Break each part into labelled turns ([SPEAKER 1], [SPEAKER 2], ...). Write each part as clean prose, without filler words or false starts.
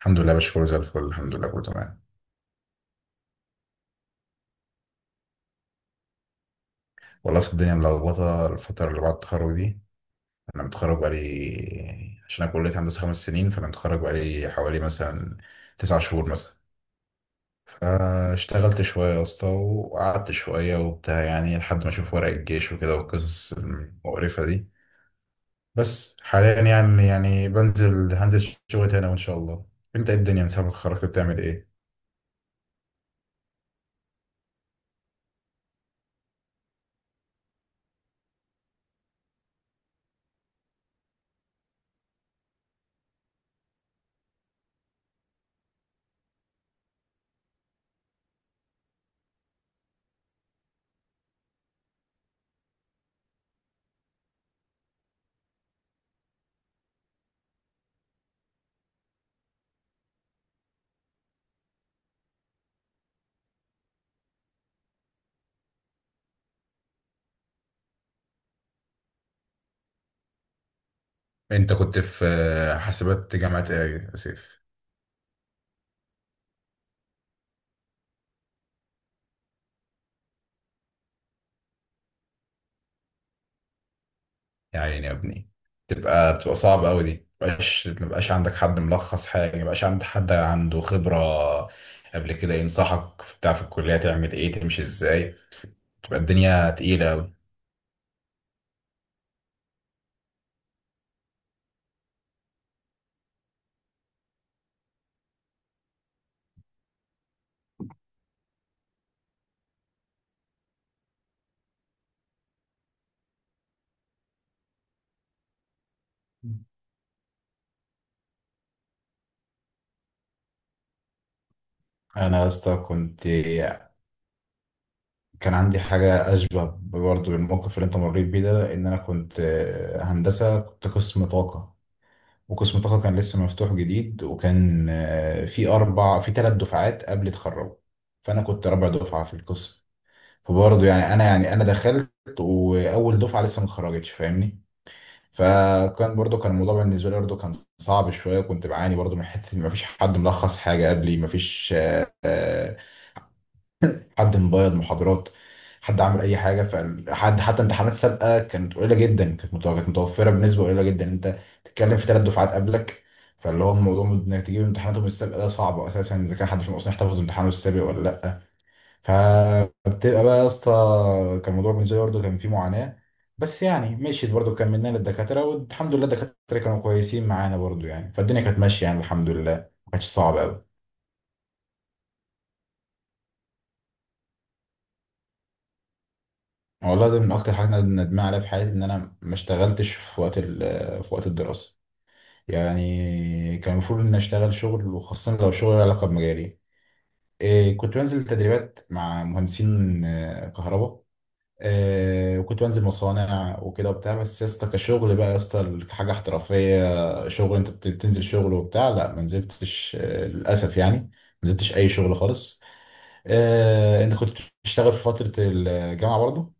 [SPEAKER 1] الحمد لله يا باشا، كله زي الفل، الحمد لله كله تمام. والله أصل الدنيا ملخبطه الفتره اللي بعد التخرج دي. انا متخرج بقالي، عشان انا كليه هندسه 5 سنين، فانا متخرج بقالي حوالي مثلا 9 شهور مثلا. فاشتغلت شويه يا اسطى، وقعدت شويه وبتاع، يعني لحد ما اشوف ورق الجيش وكده والقصص المقرفه دي. بس حاليا يعني هنزل شغل تاني وان شاء الله. انت إيه الدنيا من ساعه ما اتخرجت بتعمل ايه؟ انت كنت في حاسبات جامعه ايه يا سيف؟ يا عيني يا ابني، بتبقى صعبة أوي دي، مبقاش عندك حد ملخص حاجة، مبقاش عندك حد عنده خبرة قبل كده ينصحك في بتاع في الكلية تعمل إيه تمشي إزاي. تبقى الدنيا تقيلة أوي. أنا يا اسطى كان عندي حاجة أشبه برضه بالموقف اللي أنت مريت بيه ده، إن أنا كنت هندسة، كنت قسم طاقة. وقسم طاقة كان لسه مفتوح جديد، وكان في أربع في 3 دفعات قبل تخرجوا. فأنا كنت رابع دفعة في القسم. فبرضه يعني انا دخلت، واول دفعه لسه ما اتخرجتش، فاهمني. فكان برضه كان الموضوع بالنسبه لي برضه كان صعب شويه. كنت بعاني برضه من حته ان مفيش حد ملخص حاجه قبلي، مفيش حد مبيض محاضرات، حد عامل اي حاجه، فحد حتى امتحانات سابقه كانت قليله جدا، كانت متوفره بنسبه قليله جدا. انت بتتكلم في 3 دفعات قبلك. فاللي هو الموضوع انك تجيب امتحاناتهم السابقه ده صعب اساسا، اذا كان حد فيهم اصلا يحتفظ بامتحانه السابق ولا لا. فبتبقى بقى يا اسطى، كان الموضوع بالنسبه لي برضه كان فيه معاناه. بس يعني مشيت برضه، كملنا للدكاتره، والحمد لله الدكاتره كانوا كويسين معانا برضه يعني، فالدنيا كانت ماشيه يعني، الحمد لله ما كانتش صعبه قوي. والله ده من اكتر حاجات انا ندمان عليها في حياتي، ان انا ما اشتغلتش في في وقت الدراسه. يعني كان المفروض ان اشتغل شغل، وخاصه لو شغل له علاقه بمجالي. إيه، كنت بنزل تدريبات مع مهندسين كهرباء، وكنت بنزل مصانع وكده وبتاع، بس يا اسطى كشغل بقى يا اسطى، كحاجه احترافيه شغل انت بتنزل شغل وبتاع، لا ما نزلتش، للاسف، يعني ما نزلتش اي شغل خالص. انت كنت بتشتغل في فتره الجامعه برضه؟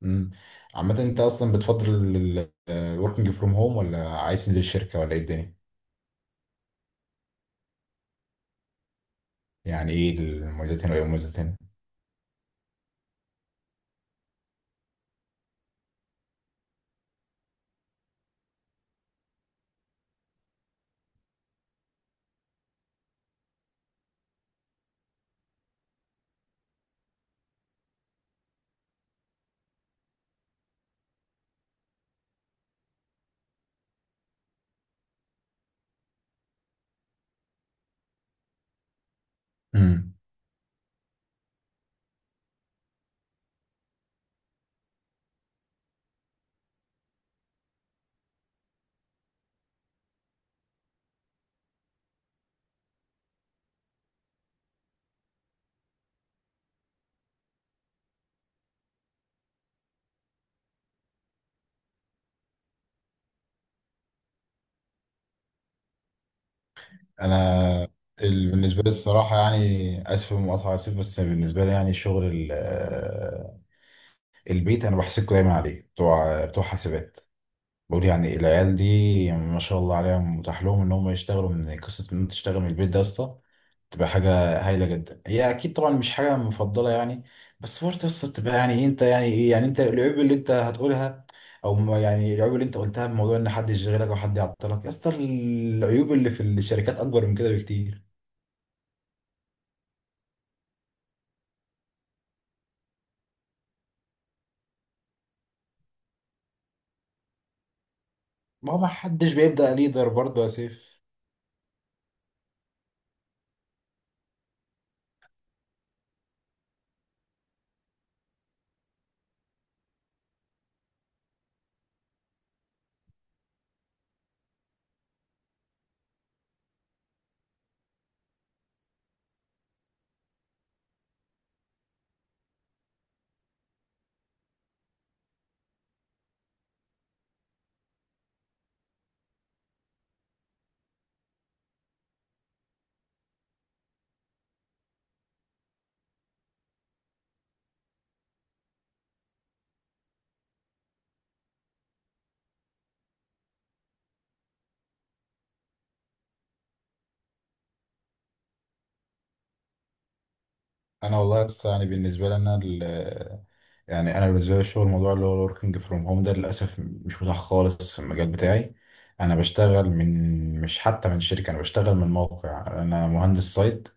[SPEAKER 1] مم. عامه انت اصلا بتفضل الوركينج فروم هوم، ولا عايز تنزل الشركه، ولا ايه الدنيا؟ يعني ايه المميزات هنا وايه المميزات هنا؟ مم. انا بالنسبه لي الصراحه، يعني اسف في المقاطعه، اسف، بس بالنسبه لي يعني الشغل البيت انا بحسدكوا دايما عليه، بتوع حاسبات. بقول يعني العيال دي ما شاء الله عليهم متاح لهم ان هم يشتغلوا، من قصه ان انت تشتغل من البيت ده يا اسطى، تبقى حاجه هايله جدا، هي اكيد طبعا مش حاجه مفضله يعني. بس برضه يا اسطى بتبقى يعني إيه، انت يعني ايه، يعني انت العيوب اللي انت هتقولها، او ما يعني العيوب اللي انت قلتها بموضوع ان حد يشغلك او حد يعطلك، يا اسطى العيوب اللي في الشركات اكبر من كده بكتير. ما هو ما حدش بيبدا ليدر برضه يا سيف. انا والله بس يعني بالنسبه لي انا، يعني انا بالنسبه لي الشغل، الموضوع اللي هو الوركينج فروم هوم ده للاسف مش متاح خالص في المجال بتاعي. انا بشتغل من، مش حتى من شركه، انا بشتغل من موقع، انا مهندس سايت.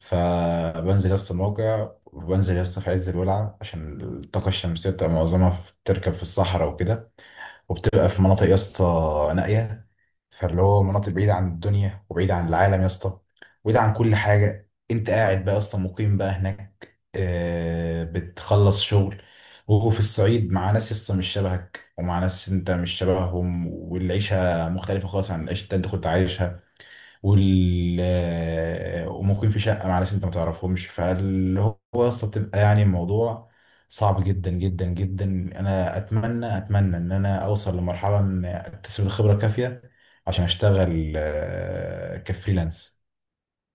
[SPEAKER 1] فبنزل يسطا الموقع، وبنزل يسطا في عز الولعه، عشان الطاقه الشمسيه بتبقى معظمها بتركب في الصحراء وكده. وبتبقى في مناطق يا اسطى نائيه، فاللي هو مناطق بعيده عن الدنيا وبعيده عن العالم يا اسطى، وبعيده عن كل حاجه. انت قاعد بقى يا اسطى مقيم بقى هناك، بتخلص شغل وفي الصعيد، مع ناس يا اسطى مش شبهك، ومع ناس انت مش شبههم، والعيشه مختلفه خالص عن العيشه اللي انت كنت عايشها، وال آه، وممكن في شقة مع ناس انت ما تعرفهمش، فاللي هو اصلا بتبقى يعني الموضوع صعب جدا جدا جدا. انا اتمنى ان انا اوصل لمرحلة ان اكتسب الخبرة الكافية عشان اشتغل كفريلانس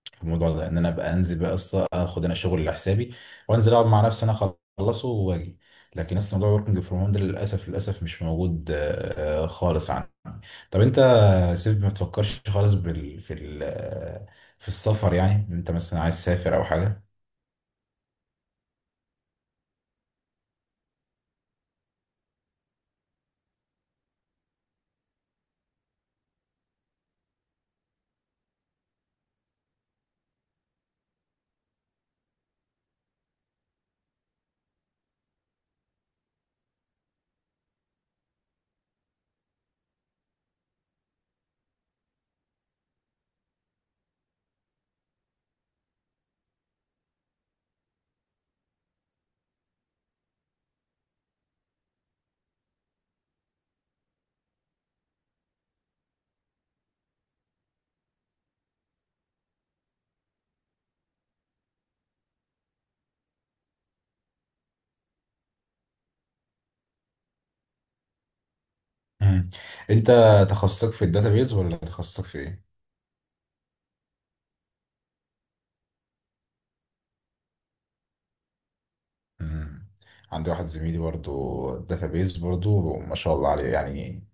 [SPEAKER 1] في الموضوع ده، ان انا ابقى انزل بقى اصلا اخد انا شغل لحسابي، وانزل اقعد مع نفسي انا اخلصه واجي. لكن لسه موضوع وركينج فروم هوم ده للاسف للاسف مش موجود خالص عندي. طب انت يا سيف ما تفكرش خالص بال... في ال... آه، في السفر؟ يعني انت مثلا عايز تسافر او حاجه؟ مم. انت تخصصك في الداتابيز ولا تخصصك في ايه؟ مم. عندي واحد زميلي برضو داتابيز، برضو ما شاء الله عليه يعني،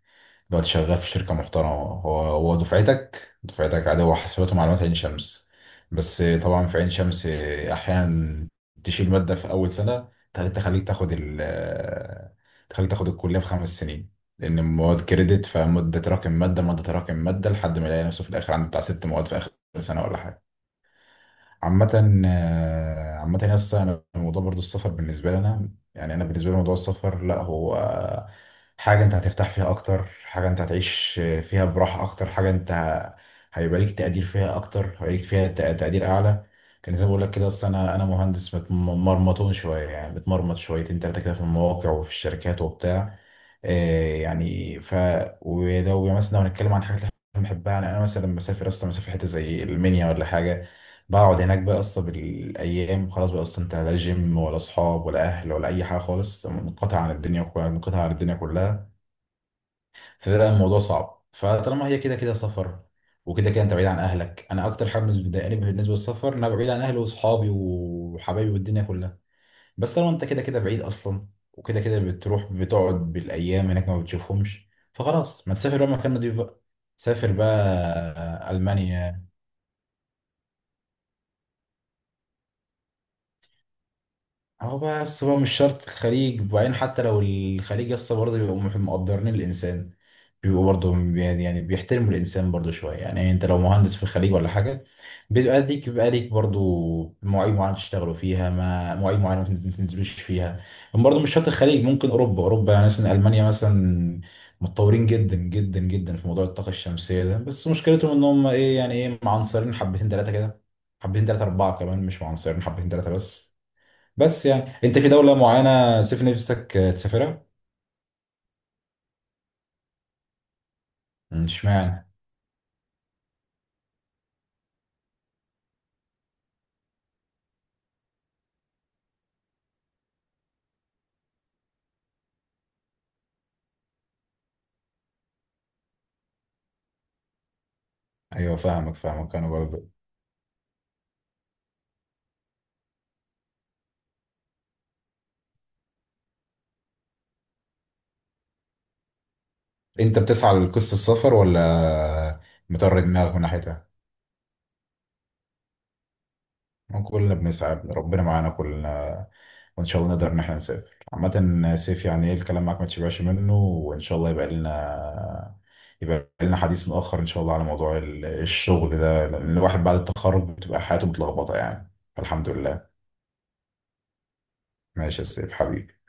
[SPEAKER 1] دلوقتي شغال في شركة محترمة. هو دفعتك عادي، هو حاسبات ومعلومات عين شمس. بس طبعا في عين شمس أحيانا تشيل مادة في أول سنة، تخليك تخليك تاخد ال تخليك تاخد الكلية في 5 سنين. لأن المواد كريدت، فمدة تراكم مادة، مادة تراكم مادة، لحد ما يلاقي نفسه في الآخر عنده بتاع 6 مواد في آخر سنة ولا حاجة. عامة يا اسطى انا الموضوع برضو السفر بالنسبة لي انا، يعني انا بالنسبة لي موضوع السفر، لا هو حاجة انت هترتاح فيها اكتر، حاجة انت هتعيش فيها براحة اكتر، حاجة انت هيبقى ليك تقدير فيها اكتر، هيبقى ليك فيها تقدير اعلى. كان زي ما بقول لك كده، اصل انا مهندس مرمطون شوية يعني، بتمرمط شويتين تلاتة كده في المواقع وفي الشركات وبتاع. يعني ولو مثلا لو هنتكلم عن حاجات اللي احنا بنحبها، يعني انا مثلا لما اسافر اصلا، مسافر حته زي المنيا ولا حاجه، بقعد هناك بقى اصلا بالايام، خلاص بقى اصلا انت لا جيم ولا اصحاب ولا اهل ولا اي حاجه خالص، منقطع عن الدنيا كلها، منقطع عن الدنيا كلها. فبقى الموضوع صعب، فطالما هي كده كده سفر، وكده كده انت بعيد عن اهلك، انا اكتر حاجه بتضايقني بالنسبه للسفر ان انا بعيد عن اهلي واصحابي وحبايبي والدنيا كلها. بس طالما انت كده كده بعيد اصلا، وكده كده بتروح بتقعد بالايام هناك ما بتشوفهمش، فخلاص ما تسافر بقى مكان نضيف بقى، سافر بقى المانيا. هو بقى بس بقى مش شرط الخليج، وبعدين حتى لو الخليج يسطا برضه بيبقوا مقدرين الإنسان، بيبقوا برضه يعني بيحترموا الإنسان برضه شوية يعني، أنت لو مهندس في الخليج ولا حاجة بيبقى ليك برضه مواعيد معينة تشتغلوا فيها، ما مواعيد معينة ما تنزلوش فيها. برضه مش شرط الخليج، ممكن أوروبا يعني مثلا ألمانيا مثلا متطورين جدا جدا جدا في موضوع الطاقة الشمسية ده، بس مشكلتهم إن هم إيه يعني، معنصرين حبتين تلاتة كده، حبتين تلاتة أربعة كمان، مش معنصرين حبتين تلاتة بس. بس يعني انت في دولة معينة سيف نفسك تسافرها؟ مم، اشمعنى؟ ايوه فاهمك فاهمك انا برضه. انت بتسعى لقصة السفر ولا مطر دماغك من ناحيتها؟ ما كلنا بنسعى، ربنا معانا كلنا، وان شاء الله نقدر ان احنا نسافر. عامة سيف يعني ايه، الكلام معاك ما تشبعش منه، وان شاء الله يبقى لنا حديث اخر ان شاء الله على موضوع الشغل ده، لان الواحد بعد التخرج بتبقى حياته متلخبطة يعني، فالحمد لله. ماشي يا سيف حبيبي.